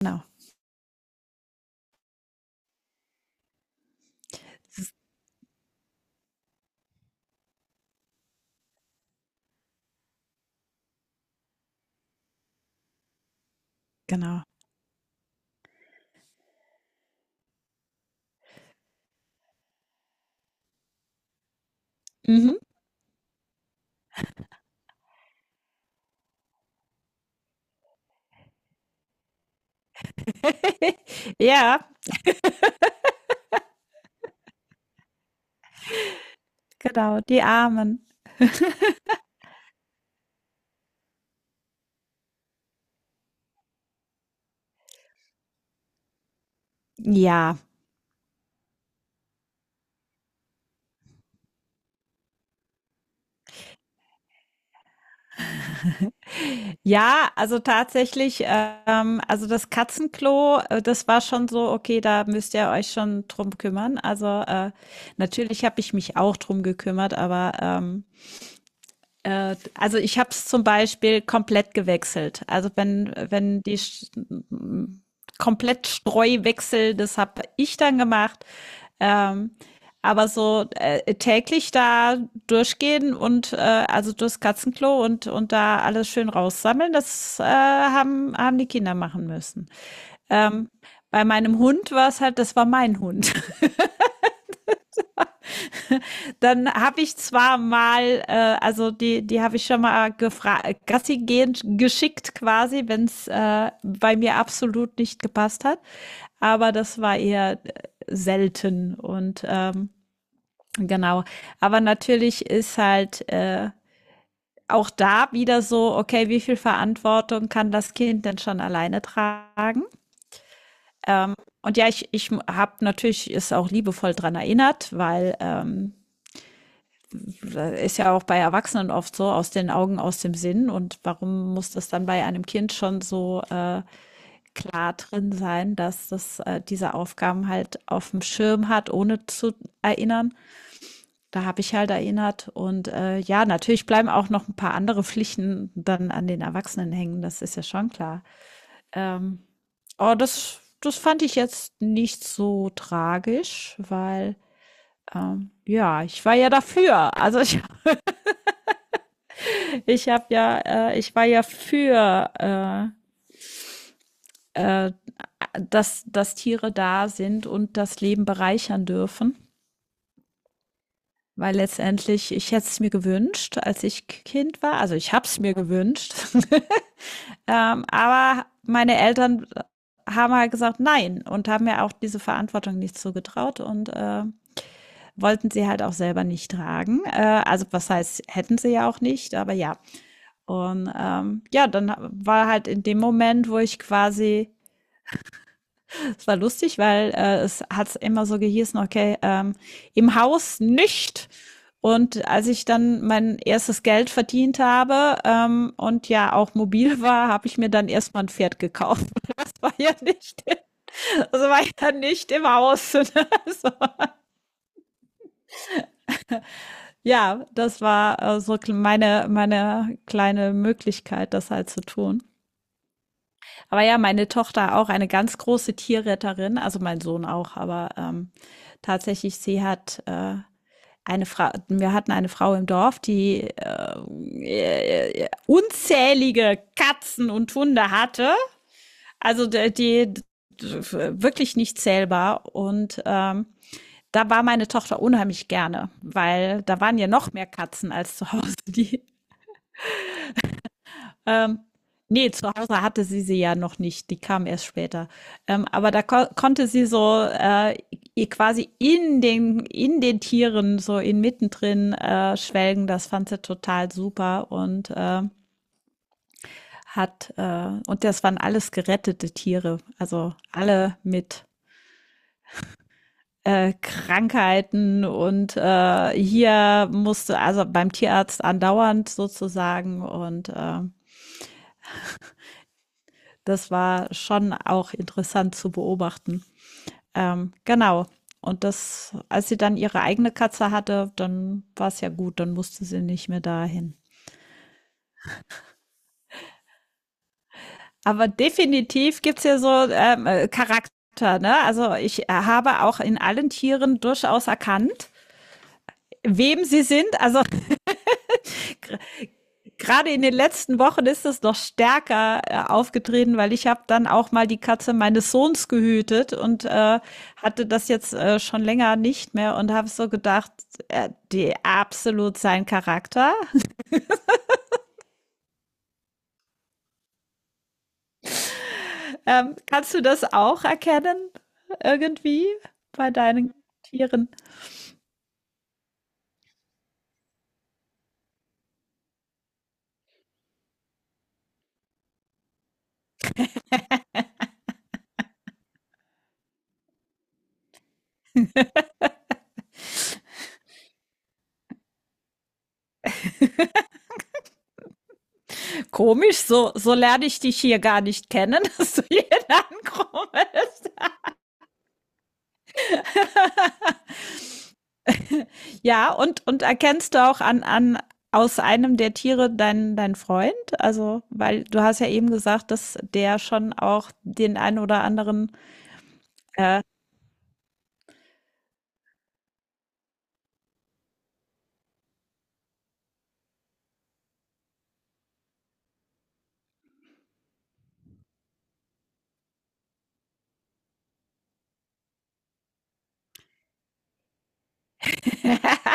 Genau, genau. Mhm. Ja, genau, die Armen. Ja. Ja, also tatsächlich, also das Katzenklo, das war schon so, okay, da müsst ihr euch schon drum kümmern. Also natürlich habe ich mich auch drum gekümmert, aber also ich habe es zum Beispiel komplett gewechselt. Also wenn die komplett Streuwechsel, das habe ich dann gemacht. Ähm, aber so täglich da durchgehen und also durchs Katzenklo und da alles schön raussammeln, das haben die Kinder machen müssen. Ähm, bei meinem Hund war es halt, das war mein Hund. Dann habe ich zwar mal, also die habe ich schon mal gefragt, Gassi gehend geschickt quasi, wenn es bei mir absolut nicht gepasst hat. Aber das war eher selten und genau. Aber natürlich ist halt auch da wieder so, okay, wie viel Verantwortung kann das Kind denn schon alleine tragen? Ähm, und ja, ich habe natürlich es auch liebevoll dran erinnert, weil ist ja auch bei Erwachsenen oft so, aus den Augen, aus dem Sinn. Und warum muss das dann bei einem Kind schon so klar drin sein, dass das diese Aufgaben halt auf dem Schirm hat, ohne zu erinnern? Da habe ich halt erinnert. Und ja, natürlich bleiben auch noch ein paar andere Pflichten dann an den Erwachsenen hängen. Das ist ja schon klar. Ähm, oh, das fand ich jetzt nicht so tragisch, weil ja, ich war ja dafür. Also ich ich habe ja, ich war ja für, äh, äh, dass Tiere da sind und das Leben bereichern dürfen. Weil letztendlich, ich hätte es mir gewünscht, als ich Kind war. Also ich habe es mir gewünscht. Aber meine Eltern haben halt gesagt nein und haben mir auch diese Verantwortung nicht zugetraut und wollten sie halt auch selber nicht tragen. Also was heißt, hätten sie ja auch nicht, aber ja. Und ja, dann war halt in dem Moment, wo ich quasi es war lustig, weil es hat immer so gehießen, okay, im Haus nicht. Und als ich dann mein erstes Geld verdient habe, und ja auch mobil war, habe ich mir dann erstmal ein Pferd gekauft. Das war ja nicht, das war ja nicht im Haus. So. Ja, das war so meine kleine Möglichkeit, das halt zu tun. Aber ja, meine Tochter auch eine ganz große Tierretterin, also mein Sohn auch, aber tatsächlich, sie hat eine Frau, wir hatten eine Frau im Dorf, die unzählige Katzen und Hunde hatte, also die wirklich nicht zählbar und da war meine Tochter unheimlich gerne, weil da waren ja noch mehr Katzen als zu Hause. Die Ähm, nee, zu Hause hatte sie sie ja noch nicht. Die kam erst später. Aber da ko konnte sie so ihr quasi in den Tieren, so inmitten drin schwelgen. Das fand sie total super und und das waren alles gerettete Tiere. Also alle mit Krankheiten und hier musste also beim Tierarzt andauernd sozusagen und das war schon auch interessant zu beobachten. Genau. Und das, als sie dann ihre eigene Katze hatte, dann war es ja gut, dann musste sie nicht mehr dahin. Aber definitiv gibt's ja so Charakter, ne? Also ich habe auch in allen Tieren durchaus erkannt, wem sie sind. Also gerade in den letzten Wochen ist es noch stärker aufgetreten, weil ich habe dann auch mal die Katze meines Sohns gehütet und hatte das jetzt schon länger nicht mehr und habe so gedacht, die absolut sein Charakter. Kannst du das auch erkennen? Irgendwie bei deinen Tieren? Komisch, so, so lerne ich dich hier gar nicht kennen, dass du hier ankommst. Ja, und erkennst du auch aus einem der Tiere dein Freund? Also, weil du hast ja eben gesagt, dass der schon auch den einen oder anderen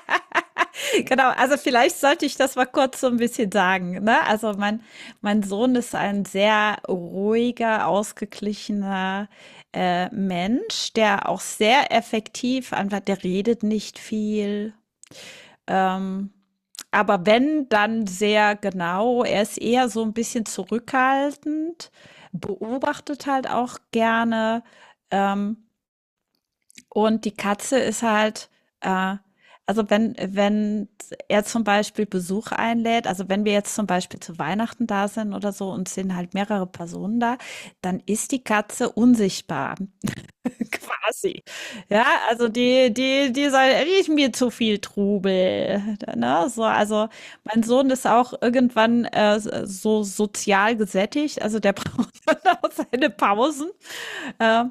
genau, also vielleicht sollte ich das mal kurz so ein bisschen sagen. Ne? Also mein Sohn ist ein sehr ruhiger, ausgeglichener Mensch, der auch sehr effektiv einfach, der redet nicht viel. Ähm, aber wenn, dann sehr genau. Er ist eher so ein bisschen zurückhaltend, beobachtet halt auch gerne. Ähm, und die Katze ist halt, äh, also wenn er zum Beispiel Besuch einlädt, also wenn wir jetzt zum Beispiel zu Weihnachten da sind oder so und sind halt mehrere Personen da, dann ist die Katze unsichtbar, quasi. Ja, also die soll riecht mir zu viel Trubel. Ne? So, also mein Sohn ist auch irgendwann so sozial gesättigt, also der braucht dann auch seine Pausen. Äh,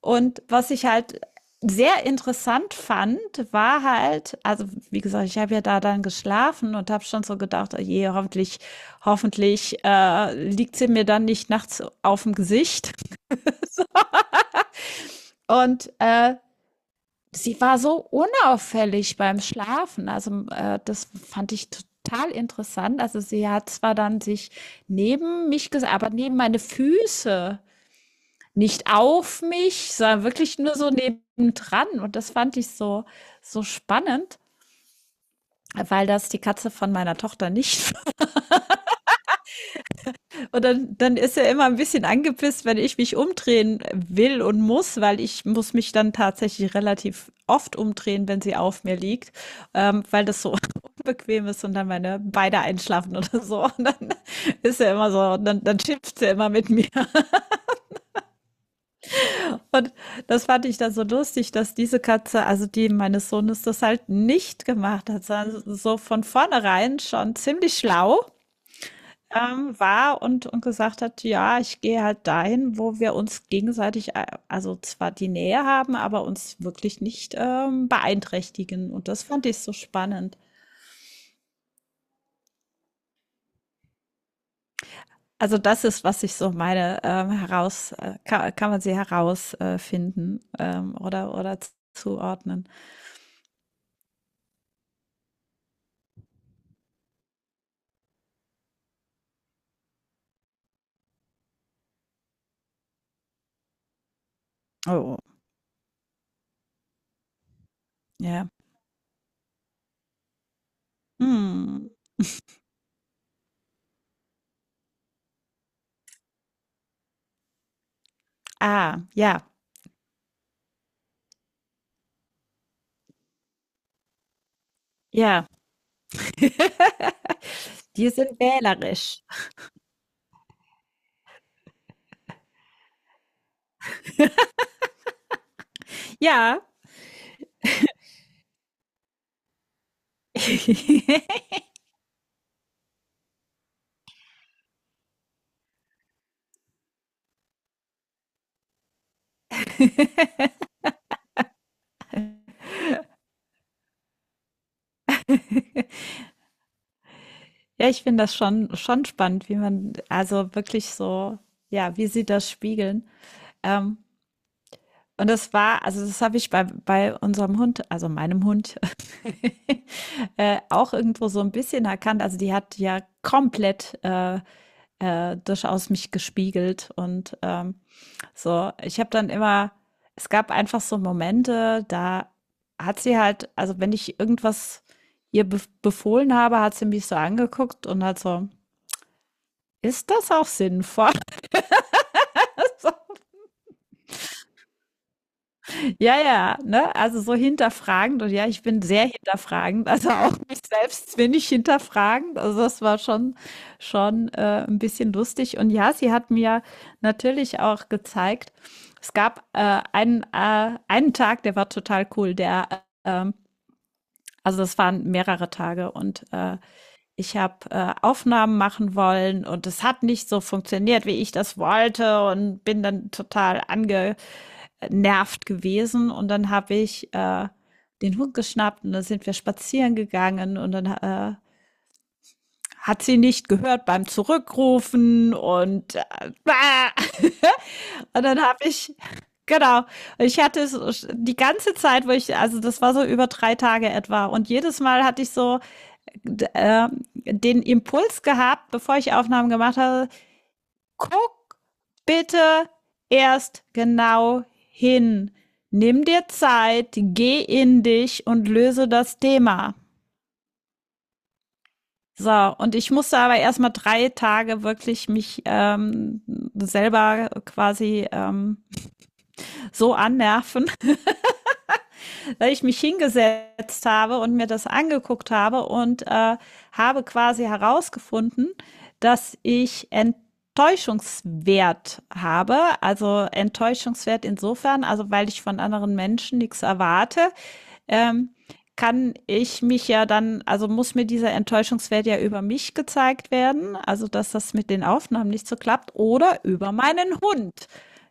und was ich halt sehr interessant fand, war halt, also wie gesagt, ich habe ja da dann geschlafen und habe schon so gedacht, oh je, hoffentlich, hoffentlich liegt sie mir dann nicht nachts auf dem Gesicht. Und sie war so unauffällig beim Schlafen. Also das fand ich total interessant. Also sie hat zwar dann sich neben mich, aber neben meine Füße nicht auf mich, sondern wirklich nur so nebendran. Und das fand ich so, so spannend, weil das die Katze von meiner Tochter nicht. Und dann, dann ist er immer ein bisschen angepisst, wenn ich mich umdrehen will und muss, weil ich muss mich dann tatsächlich relativ oft umdrehen, wenn sie auf mir liegt, weil das so unbequem ist und dann meine Beine einschlafen oder so. Und dann ist er immer so, dann schimpft er immer mit mir. Und das fand ich dann so lustig, dass diese Katze, also die meines Sohnes, das halt nicht gemacht hat, sondern so so von vornherein schon ziemlich schlau war und gesagt hat, ja, ich gehe halt dahin, wo wir uns gegenseitig, also zwar die Nähe haben, aber uns wirklich nicht beeinträchtigen. Und das fand ich so spannend. Also das ist, was ich so meine, kann man sie herausfinden oder zuordnen. Oh, ja. Yeah. Hm. Ah, ja, ja. Die sind wählerisch. Ja. Ja, ich finde das schon schon spannend, wie man also wirklich so ja, wie sie das spiegeln. Ähm, und das war also das habe ich bei bei unserem Hund, also meinem Hund, auch irgendwo so ein bisschen erkannt. Also, die hat ja komplett, durchaus mich gespiegelt und, so, ich habe dann immer es gab einfach so Momente, da hat sie halt, also wenn ich irgendwas ihr be befohlen habe, hat sie mich so angeguckt und hat so, ist das auch sinnvoll? So, ja, ja, ne? Also so hinterfragend und ja, ich bin sehr hinterfragend, also auch mich selbst bin ich hinterfragend. Also das war schon, schon ein bisschen lustig. Und ja, sie hat mir natürlich auch gezeigt, es gab einen Tag, der war total cool, der äh, also das waren mehrere Tage und ich habe Aufnahmen machen wollen und es hat nicht so funktioniert, wie ich das wollte und bin dann total angenervt gewesen und dann habe ich den Hund geschnappt und dann sind wir spazieren gegangen und dann hat sie nicht gehört beim Zurückrufen und äh, und dann habe ich genau. Ich hatte es die ganze Zeit, wo ich, also das war so über drei Tage etwa. Und jedes Mal hatte ich so äh, den Impuls gehabt, bevor ich Aufnahmen gemacht habe, guck bitte erst genau hin. Nimm dir Zeit, geh in dich und löse das Thema. So, und ich musste aber erstmal drei Tage wirklich mich selber quasi so annerven, weil ich mich hingesetzt habe und mir das angeguckt habe und habe quasi herausgefunden, dass ich Enttäuschungswert habe. Also Enttäuschungswert insofern, also weil ich von anderen Menschen nichts erwarte, ähm, kann ich mich ja dann, also muss mir dieser Enttäuschungswert ja über mich gezeigt werden, also dass das mit den Aufnahmen nicht so klappt, oder über meinen Hund.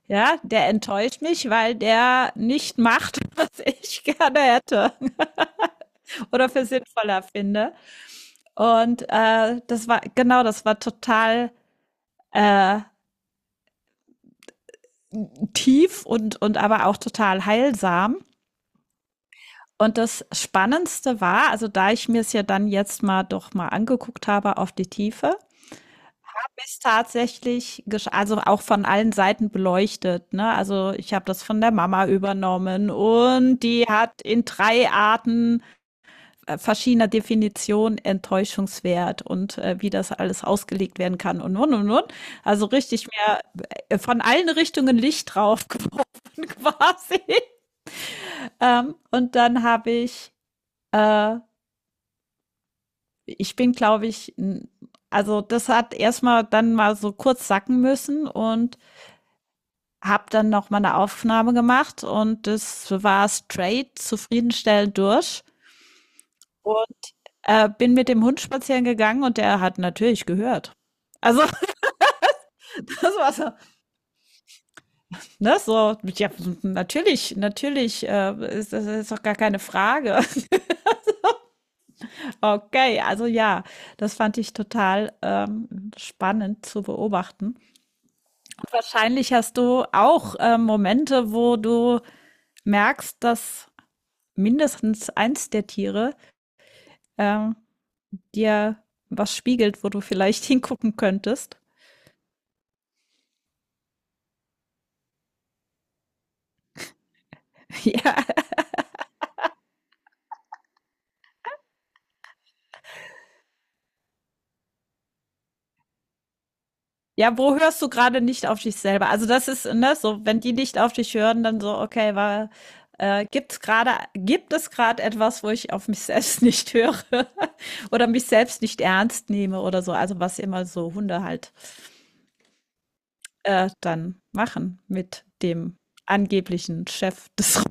Ja, der enttäuscht mich, weil der nicht macht, was ich gerne hätte oder für sinnvoller finde. Und das war, genau, das war total äh, tief und aber auch total heilsam. Und das Spannendste war, also da ich mir es ja dann jetzt mal doch mal angeguckt habe auf die Tiefe, ist tatsächlich gesch also auch von allen Seiten beleuchtet, ne? Also, ich habe das von der Mama übernommen und die hat in 3 Arten, verschiedener Definition Enttäuschungswert und, wie das alles ausgelegt werden kann und und. Also, richtig mehr von allen Richtungen Licht draufgeworfen quasi. Und dann habe ich, äh ich bin, glaube ich, also das hat erstmal dann mal so kurz sacken müssen und habe dann noch mal eine Aufnahme gemacht und das war straight zufriedenstellend durch und bin mit dem Hund spazieren gegangen und der hat natürlich gehört. Also das war so, ne, so, ja, natürlich, natürlich, das ist doch gar keine Frage. Okay, also ja, das fand ich total spannend zu beobachten. Wahrscheinlich hast du auch Momente, wo du merkst, dass mindestens eins der Tiere äh, dir was spiegelt, wo du vielleicht hingucken könntest. Ja. Ja, wo hörst du gerade nicht auf dich selber? Also das ist ne, so, wenn die nicht auf dich hören, dann so, okay, war, gibt es gerade etwas, wo ich auf mich selbst nicht höre, oder mich selbst nicht ernst nehme oder so? Also was immer so Hunde halt dann machen mit dem angeblichen Chef des